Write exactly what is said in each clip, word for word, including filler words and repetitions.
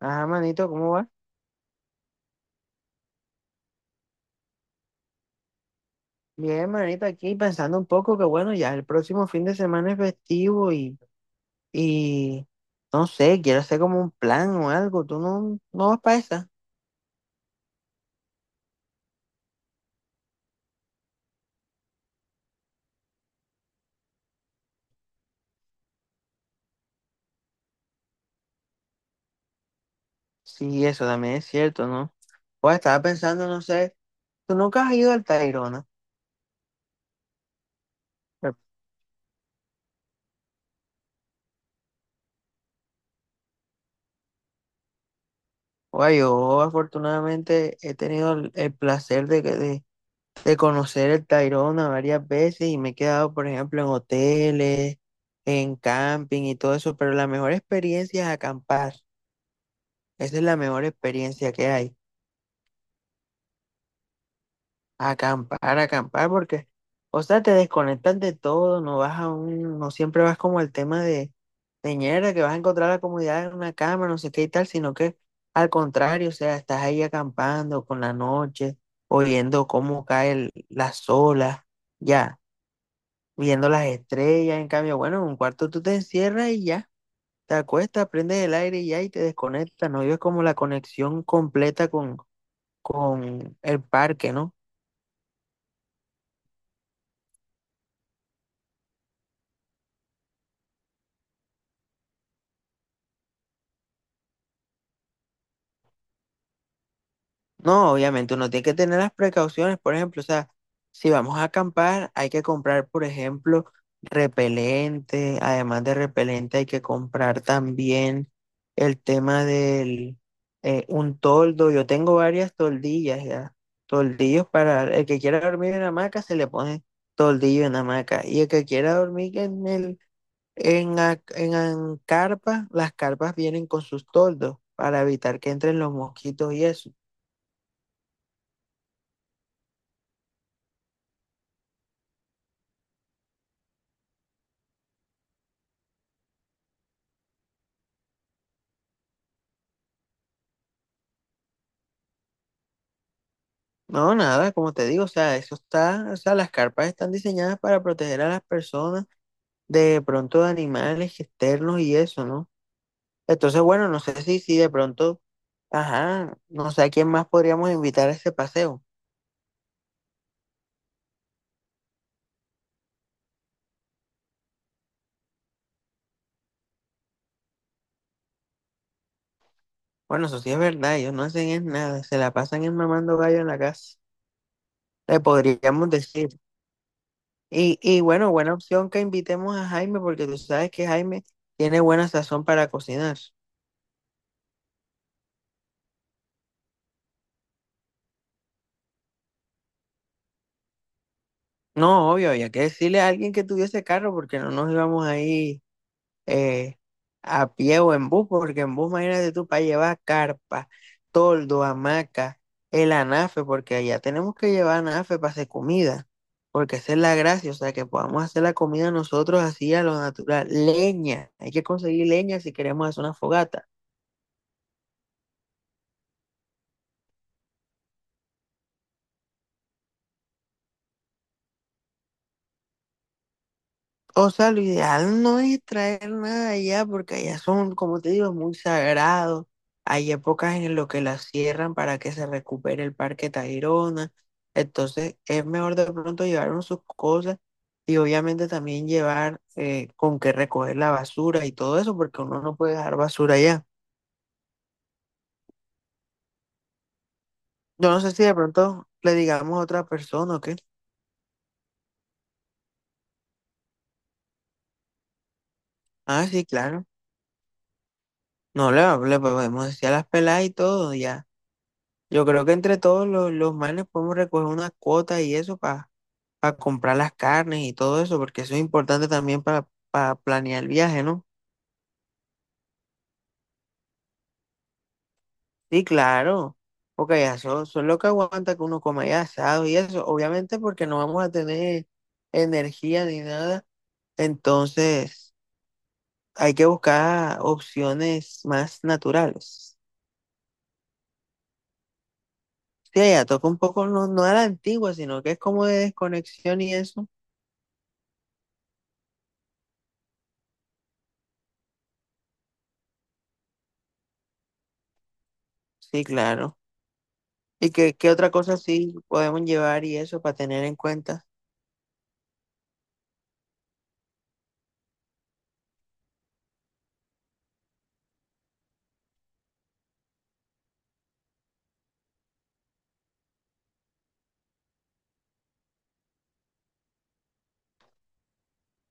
Ajá, manito, ¿cómo va? Bien, manito, aquí pensando un poco que bueno, ya el próximo fin de semana es festivo y, y no sé, quiero hacer como un plan o algo. ¿Tú no, no vas para esa? Sí, eso también es cierto, ¿no? Pues estaba pensando, no sé, tú nunca has ido al Tayrona. Oye, yo afortunadamente he tenido el, el placer de, que- de, de conocer el Tayrona varias veces y me he quedado, por ejemplo, en hoteles, en camping y todo eso, pero la mejor experiencia es acampar. Esa es la mejor experiencia que hay. Acampar, acampar, porque, o sea, te desconectas de todo, no vas a un, no siempre vas como al tema de teñera, que vas a encontrar la comunidad en una cama, no sé qué y tal, sino que al contrario, o sea, estás ahí acampando con la noche, oyendo cómo cae el- las olas, ya. Viendo las estrellas. En cambio, bueno, en un cuarto tú te encierras y ya, te acuestas, prendes el aire y ya, y te desconectas. No vives como la conexión completa con, con el parque, ¿no? No, obviamente uno tiene que tener las precauciones, por ejemplo, o sea, si vamos a acampar, hay que comprar, por ejemplo, repelente, además de repelente hay que comprar también el tema del eh, un toldo. Yo tengo varias toldillas ya, toldillos para el que quiera dormir en hamaca se le pone toldillo en hamaca, y el que quiera dormir en el en, la- en, en carpa, las carpas vienen con sus toldos para evitar que entren los mosquitos y eso. No, nada, como te digo, o sea, eso está, o sea, las carpas están diseñadas para proteger a las personas de pronto de animales externos y eso, ¿no? Entonces, bueno, no sé si, si de pronto, ajá, no sé a quién más podríamos invitar a ese paseo. Bueno, eso sí es verdad, ellos no hacen es nada, se la pasan en mamando gallo en la casa, le podríamos decir. Y, y bueno, buena opción que invitemos a Jaime, porque tú sabes que Jaime tiene buena sazón para cocinar. No, obvio, había que decirle a alguien que tuviese carro, porque no nos íbamos ahí eh, a pie o en bus, porque en bus, imagínate tú, para llevar carpa, toldo, hamaca, el anafe, porque allá tenemos que llevar anafe para hacer comida, porque esa es la gracia, o sea, que podamos hacer la comida nosotros así a lo natural. Leña, hay que conseguir leña si queremos hacer una fogata. O sea, lo ideal no es traer nada de allá, porque allá son, como te digo, muy sagrados. Hay épocas en las que las cierran para que se recupere el Parque Tayrona. Entonces, es mejor de pronto llevar uno sus cosas, y obviamente también llevar eh, con qué recoger la basura y todo eso, porque uno no puede dejar basura allá. Yo no sé si de pronto le digamos a otra persona o qué. Ah, sí, claro. No, le, le podemos decir a las peladas y todo, ya. Yo creo que entre todos los, los manes podemos recoger unas cuotas y eso para comprar las carnes y todo eso, porque eso es importante también para planear el viaje, ¿no? Sí, claro, porque ya son, son lo que aguanta que uno coma ya asado y eso, obviamente porque no vamos a tener energía ni nada, entonces hay que buscar opciones más naturales. Sí, ya toca un poco, no, no a la antigua, sino que es como de desconexión y eso. Sí, claro. ¿Y qué, qué otra cosa sí podemos llevar y eso para tener en cuenta?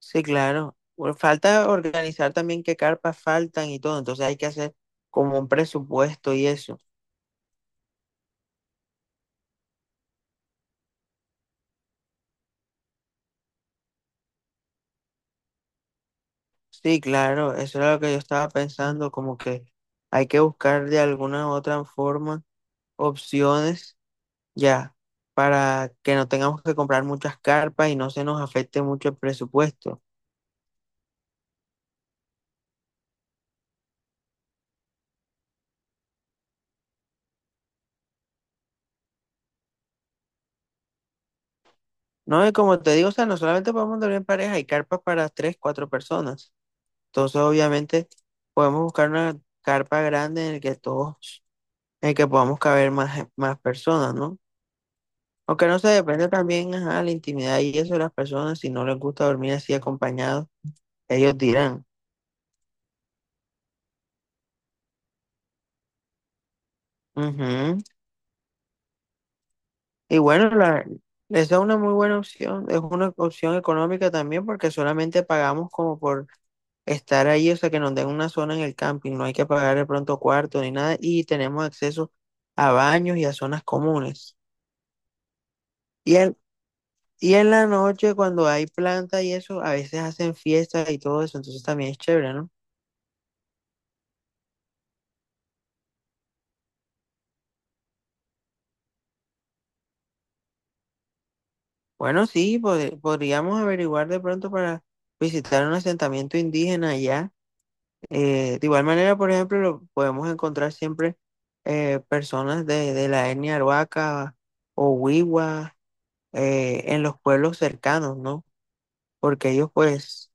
Sí, claro. Bueno, falta organizar también qué carpas faltan y todo, entonces hay que hacer como un presupuesto y eso. Sí, claro, eso era lo que yo estaba pensando, como que hay que buscar de alguna u otra forma opciones ya para que no tengamos que comprar muchas carpas y no se nos afecte mucho el presupuesto. No, y como te digo, o sea, no solamente podemos dormir en pareja, hay carpas para tres, cuatro personas. Entonces, obviamente, podemos buscar una carpa grande en el que todos, en el que podamos caber más, más personas, ¿no? Aunque no se depende también, ajá, la intimidad y eso de las personas, si no les gusta dormir así acompañados, ellos dirán. Ujú. Y bueno, la, esa es una muy buena opción, es una opción económica también porque solamente pagamos como por estar ahí, o sea, que nos den una zona en el camping, no hay que pagar de pronto cuarto ni nada y tenemos acceso a baños y a zonas comunes. Y en Y en la noche, cuando hay planta y eso, a veces hacen fiestas y todo eso, entonces también es chévere, ¿no? Bueno, sí, pod- podríamos averiguar de pronto para visitar un asentamiento indígena allá. Eh, de igual manera, por ejemplo, lo- podemos encontrar siempre eh, personas de, de la etnia Arhuaca o Wiwa eh, en los pueblos cercanos, ¿no? Porque ellos pues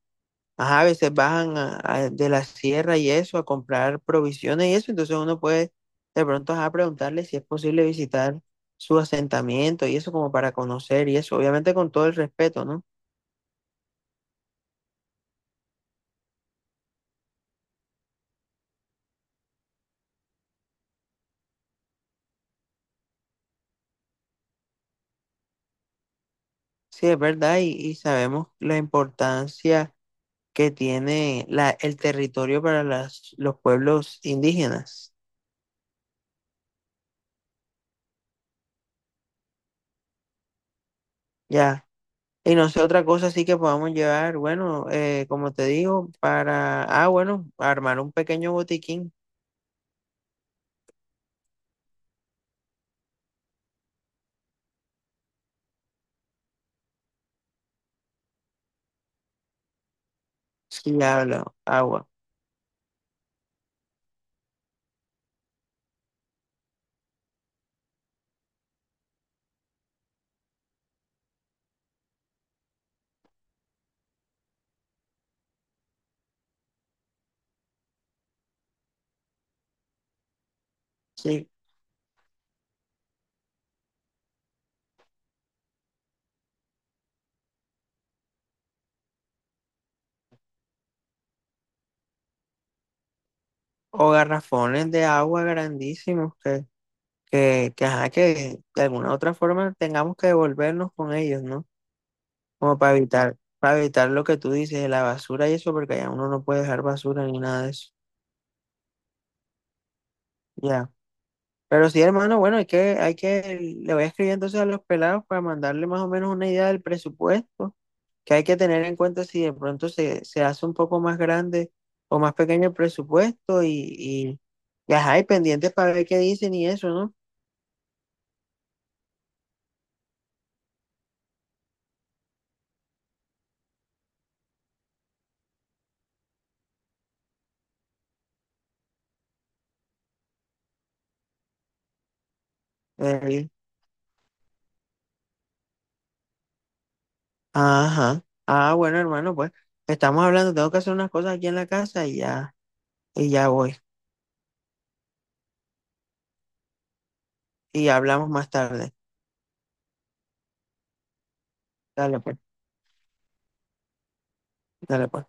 ajá, a veces bajan a- a- de la sierra y eso, a comprar provisiones y eso, entonces uno puede de pronto ajá, preguntarle si es posible visitar su asentamiento y eso como para conocer y eso, obviamente con todo el respeto, ¿no? Sí, es verdad y, y sabemos la importancia que tiene la, el territorio para las, los pueblos indígenas, ya. Y no sé, otra cosa sí que podamos llevar, bueno, eh, como te digo, para, ah, bueno, armar un pequeño botiquín. Si habla, agua. Sí, o garrafones de agua grandísimos que, que, que, ajá, que de alguna otra forma tengamos que devolvernos con ellos, ¿no? Como para evitar, para evitar lo que tú dices, la basura y eso, porque ya uno no puede dejar basura ni nada de eso. Ya. Pero sí, hermano, bueno, hay que, hay que, le voy a escribir entonces a los pelados para mandarle más o menos una idea del presupuesto que hay que tener en cuenta si de pronto se, se hace un poco más grande o más pequeño el presupuesto y, y, y ajá, y pendientes para ver qué dicen y eso, ¿no? Ey, ajá. Ah, bueno, hermano, pues estamos hablando, tengo que hacer unas cosas aquí en la casa y ya, y ya voy. Y hablamos más tarde. Dale, pues, dale, pues.